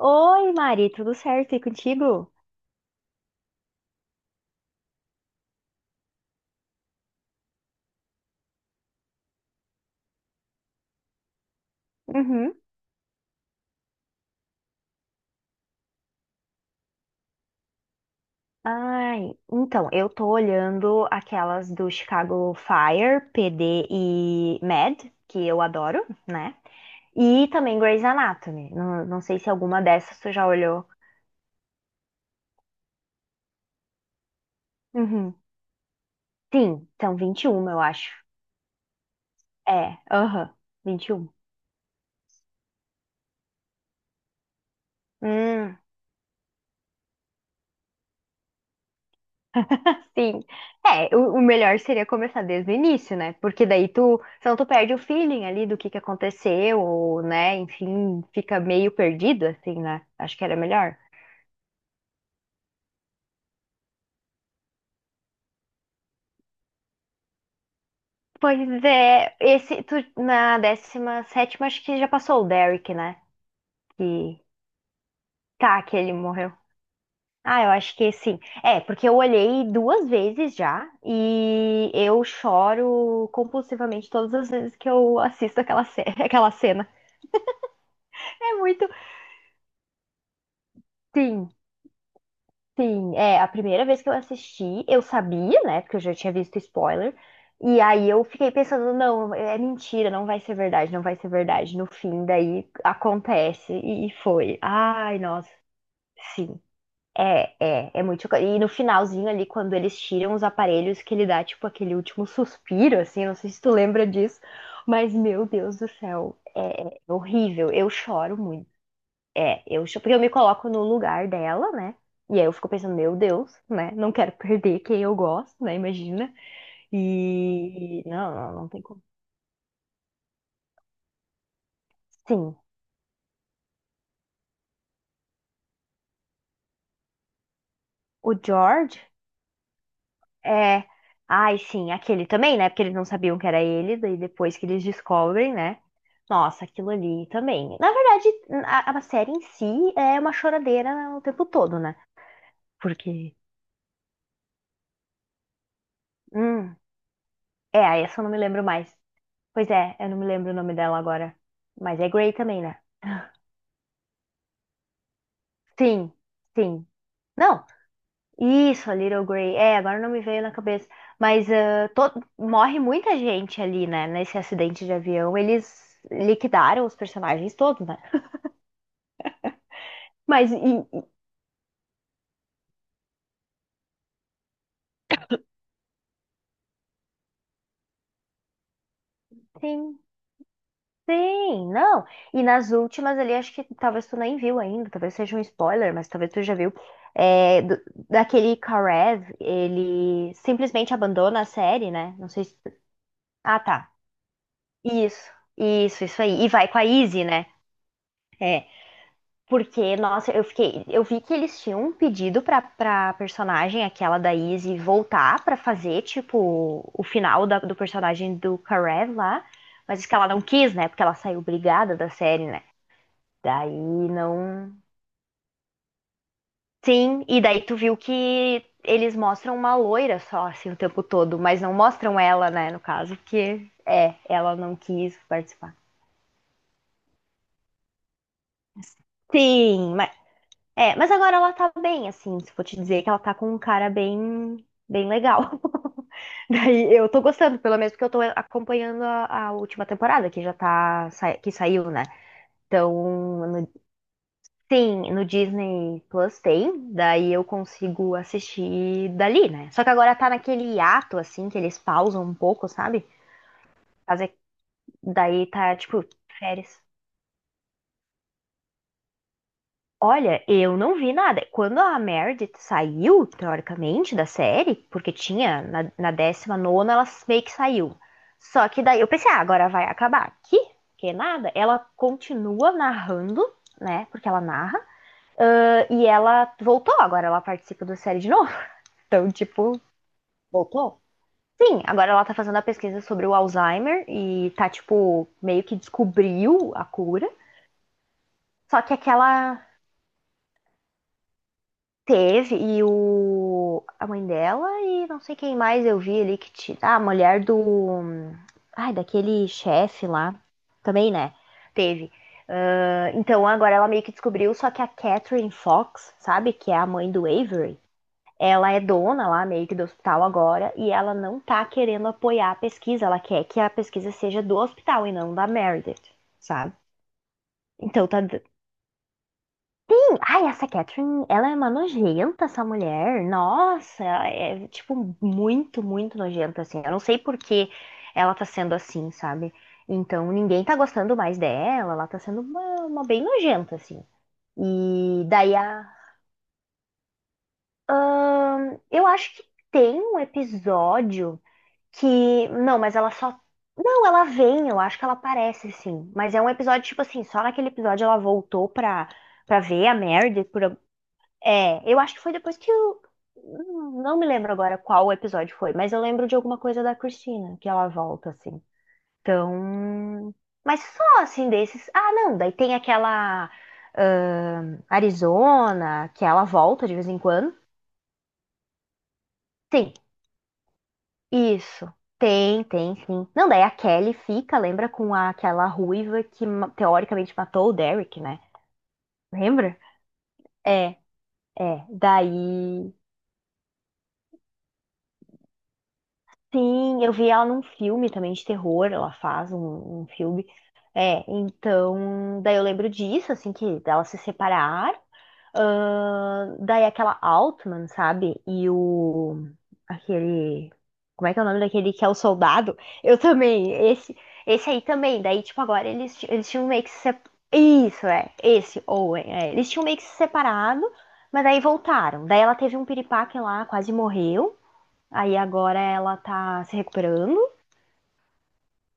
Oi, Mari, tudo certo? E contigo? Uhum. Ai, então, eu tô olhando aquelas do Chicago Fire, PD e Mad, que eu adoro, né? E também Grey's Anatomy. Não, não sei se alguma dessas tu já olhou. Uhum. Sim, são 21, eu acho. É, aham, 21. Hum, Sim. É, o melhor seria começar desde o início, né? Porque daí tu, senão tu perde o feeling ali do que aconteceu, ou, né? Enfim, fica meio perdido, assim, né? Acho que era melhor. Pois é, tu, na décima sétima acho que já passou o Derek, né? Que, tá, que ele morreu. Ah, eu acho que sim. É, porque eu olhei duas vezes já e eu choro compulsivamente todas as vezes que eu assisto aquela cena. É muito. Sim, sim, é, a primeira vez que eu assisti, eu sabia, né, porque eu já tinha visto spoiler, e aí eu fiquei pensando, não, é mentira, não vai ser verdade, não vai ser verdade. No fim, daí acontece e foi. Ai, nossa, sim. É muito chocante. E no finalzinho ali, quando eles tiram os aparelhos, que ele dá, tipo, aquele último suspiro, assim, não sei se tu lembra disso, mas meu Deus do céu, é horrível. Eu choro muito. É, porque eu me coloco no lugar dela, né? E aí eu fico pensando, meu Deus, né? Não quero perder quem eu gosto, né? Imagina. E não, não, não tem como. Sim, o George é. Ai, sim, aquele também, né? Porque eles não sabiam que era ele, daí depois que eles descobrem, né? Nossa, aquilo ali também. Na verdade, a série em si é uma choradeira o tempo todo, né? Porque. Hum, é, essa eu não me lembro mais. Pois é, eu não me lembro o nome dela agora. Mas é Grey também, né? Sim, sim. Não, isso, a Little Grey. É, agora não me veio na cabeça. Mas morre muita gente ali, né? Nesse acidente de avião. Eles liquidaram os personagens todos, né? Mas, e, e- sim, sim, não. E nas últimas ali, acho que talvez tu nem viu ainda, talvez seja um spoiler, mas talvez tu já viu. É, daquele Karev, ele simplesmente abandona a série, né? Não sei se. Ah, tá. Isso, isso aí. E vai com a Izzy, né? É. Porque, nossa, eu vi que eles tinham um pedido pra, personagem, aquela da Izzy, voltar pra fazer, tipo, o final do personagem do Karev lá. Mas isso que ela não quis, né? Porque ela saiu brigada da série, né? Daí não. Sim, e daí tu viu que eles mostram uma loira só, assim, o tempo todo, mas não mostram ela, né, no caso, porque é, ela não quis participar. Sim. É, mas agora ela tá bem, assim, se eu for te dizer que ela tá com um cara bem, bem legal. Daí eu tô gostando, pelo menos porque eu tô acompanhando a última temporada que já tá, que saiu, né? Então, no- sim, no Disney Plus tem, daí eu consigo assistir dali, né? Só que agora tá naquele hiato, assim, que eles pausam um pouco, sabe? Fazer, Daí tá, tipo, férias. Olha, eu não vi nada. Quando a Meredith saiu, teoricamente, da série, porque tinha na décima nona, ela meio que saiu. Só que daí eu pensei, ah, agora vai acabar aqui, que nada. Ela continua narrando, né? Porque ela narra. E ela voltou, agora ela participa da série de novo. Então, tipo, voltou. Sim, agora ela tá fazendo a pesquisa sobre o Alzheimer e tá, tipo, meio que descobriu a cura. Só que aquela. Teve, a mãe dela e não sei quem mais eu vi ali que tira. Ah, a mulher do. Ai, daquele chefe lá. Também, né? Teve. Ah, então agora ela meio que descobriu, só que a Catherine Fox, sabe? Que é a mãe do Avery. Ela é dona lá meio que do hospital agora e ela não tá querendo apoiar a pesquisa. Ela quer que a pesquisa seja do hospital e não da Meredith, sabe? Então tá. Ai, essa Catherine, ela é uma nojenta, essa mulher. Nossa, é tipo muito, muito nojenta, assim. Eu não sei por que ela tá sendo assim, sabe? Então ninguém tá gostando mais dela, ela tá sendo uma bem nojenta, assim. E daí a. Eu acho que tem um episódio que. Não, mas ela só. Não, ela vem, eu acho que ela aparece, sim. Mas é um episódio, tipo assim, só naquele episódio ela voltou pra ver a Meredith por, é, eu acho que foi depois que eu. Não me lembro agora qual episódio foi, mas eu lembro de alguma coisa da Christina, que ela volta, assim. Então. Mas só assim desses. Ah, não, daí tem aquela. Arizona, que ela volta de vez em quando. Tem, isso. Tem, tem, sim. Não, daí a Kelly fica, lembra com aquela ruiva que teoricamente matou o Derek, né? Lembra? É, é. Daí. Sim, eu vi ela num filme também de terror, ela faz um filme. É, então, daí eu lembro disso, assim, que dela se separar. Daí aquela Altman, sabe? E o. Aquele. Como é que é o nome daquele que é o soldado? Eu também. Esse aí também. Daí, tipo, agora eles tinham meio que se. Isso, é. Esse, Owen, é. Eles tinham meio que se separado, mas daí voltaram. Daí ela teve um piripaque lá, quase morreu. Aí agora ela tá se recuperando,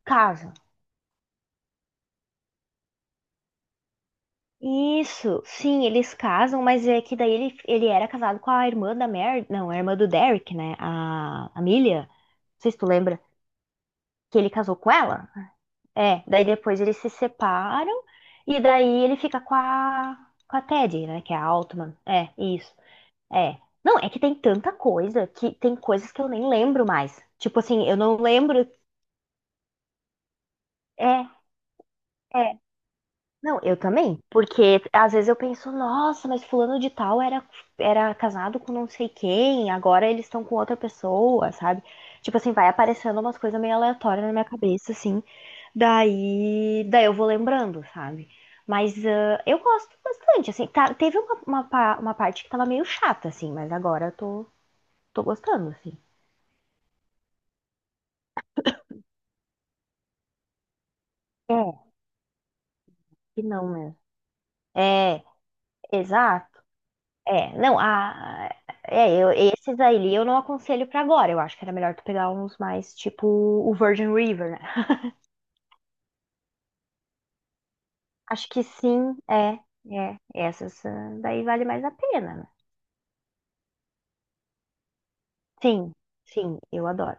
casa. Isso, sim, eles casam, mas é que daí ele era casado com a irmã da Mary, não, a irmã do Derek, né? A Amelia, não sei se tu lembra, que ele casou com ela. É, daí depois eles se separam e daí ele fica com a Teddy, né? Que é a Altman. É, isso. É. Não, é que tem tanta coisa que tem coisas que eu nem lembro mais. Tipo assim, eu não lembro. É, é. Não, eu também, porque às vezes eu penso, nossa, mas fulano de tal era casado com não sei quem, agora eles estão com outra pessoa, sabe? Tipo assim, vai aparecendo umas coisas meio aleatórias na minha cabeça, assim, daí eu vou lembrando, sabe? Mas eu gosto bastante, assim, teve uma parte que tava meio chata, assim, mas agora eu tô gostando, assim. É, que não mesmo. É, exato. É, não, esses aí eu não aconselho pra agora. Eu acho que era melhor tu pegar uns mais, tipo o Virgin River, né? Acho que sim, é, é. Essas daí vale mais a pena, né? Sim, sim, eu adoro.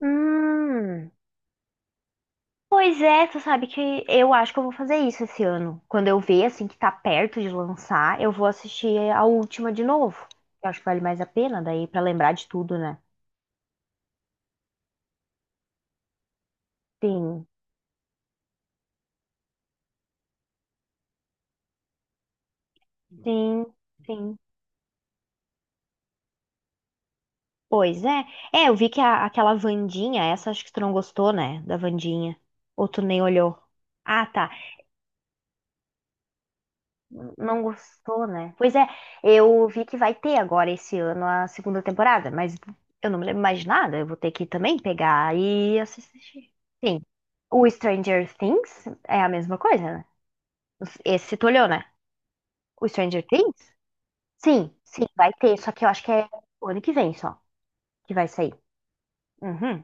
Hum, Pois é, tu sabe que eu acho que eu vou fazer isso esse ano. Quando eu ver, assim, que tá perto de lançar, eu vou assistir a última de novo. Eu acho que vale mais a pena daí pra lembrar de tudo, né? Sim, sim, sim. Pois é. É, eu vi que aquela Wandinha, essa acho que tu não gostou, né? Da Wandinha. Ou tu nem olhou. Ah, tá. Não gostou, né? Pois é, eu vi que vai ter agora esse ano a segunda temporada, mas eu não me lembro mais de nada. Eu vou ter que também pegar e assistir. Sim. O Stranger Things é a mesma coisa, né? Esse tu olhou, né? O Stranger Things? Sim, sim, vai ter. Só que eu acho que é o ano que vem só que vai sair. Uhum.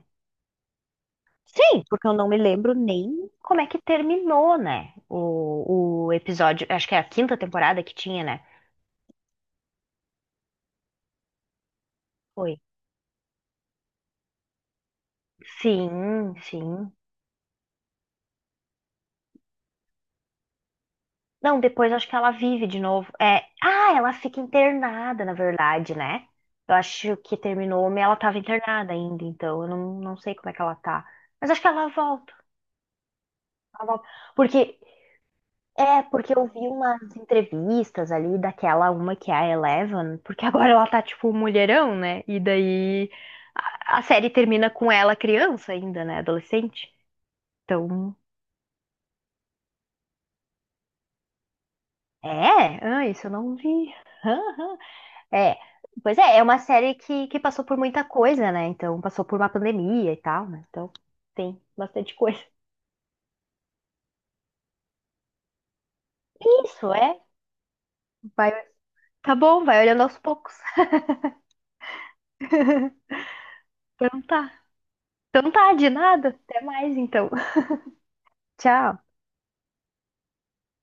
Sim, porque eu não me lembro nem como é que terminou, né? O episódio, acho que é a quinta temporada que tinha, né? Foi. Sim, sim. Não, depois acho que ela vive de novo. É, ah, ela fica internada, na verdade, né? Eu acho que terminou, mas ela tava internada ainda, então eu não, não sei como é que ela tá. Mas acho que ela volta, ela volta. Porque porque eu vi umas entrevistas ali daquela uma que é a Eleven, porque agora ela tá tipo mulherão, né? E daí a série termina com ela criança ainda, né? Adolescente. Então, é, ah, isso eu não vi. Aham. É, pois é, é uma série que passou por muita coisa, né? Então, passou por uma pandemia e tal, né? Então, tem bastante coisa. Isso, é. Vai, tá bom, vai olhando aos poucos. Então tá. Então tá, de nada. Até mais então. Tchau.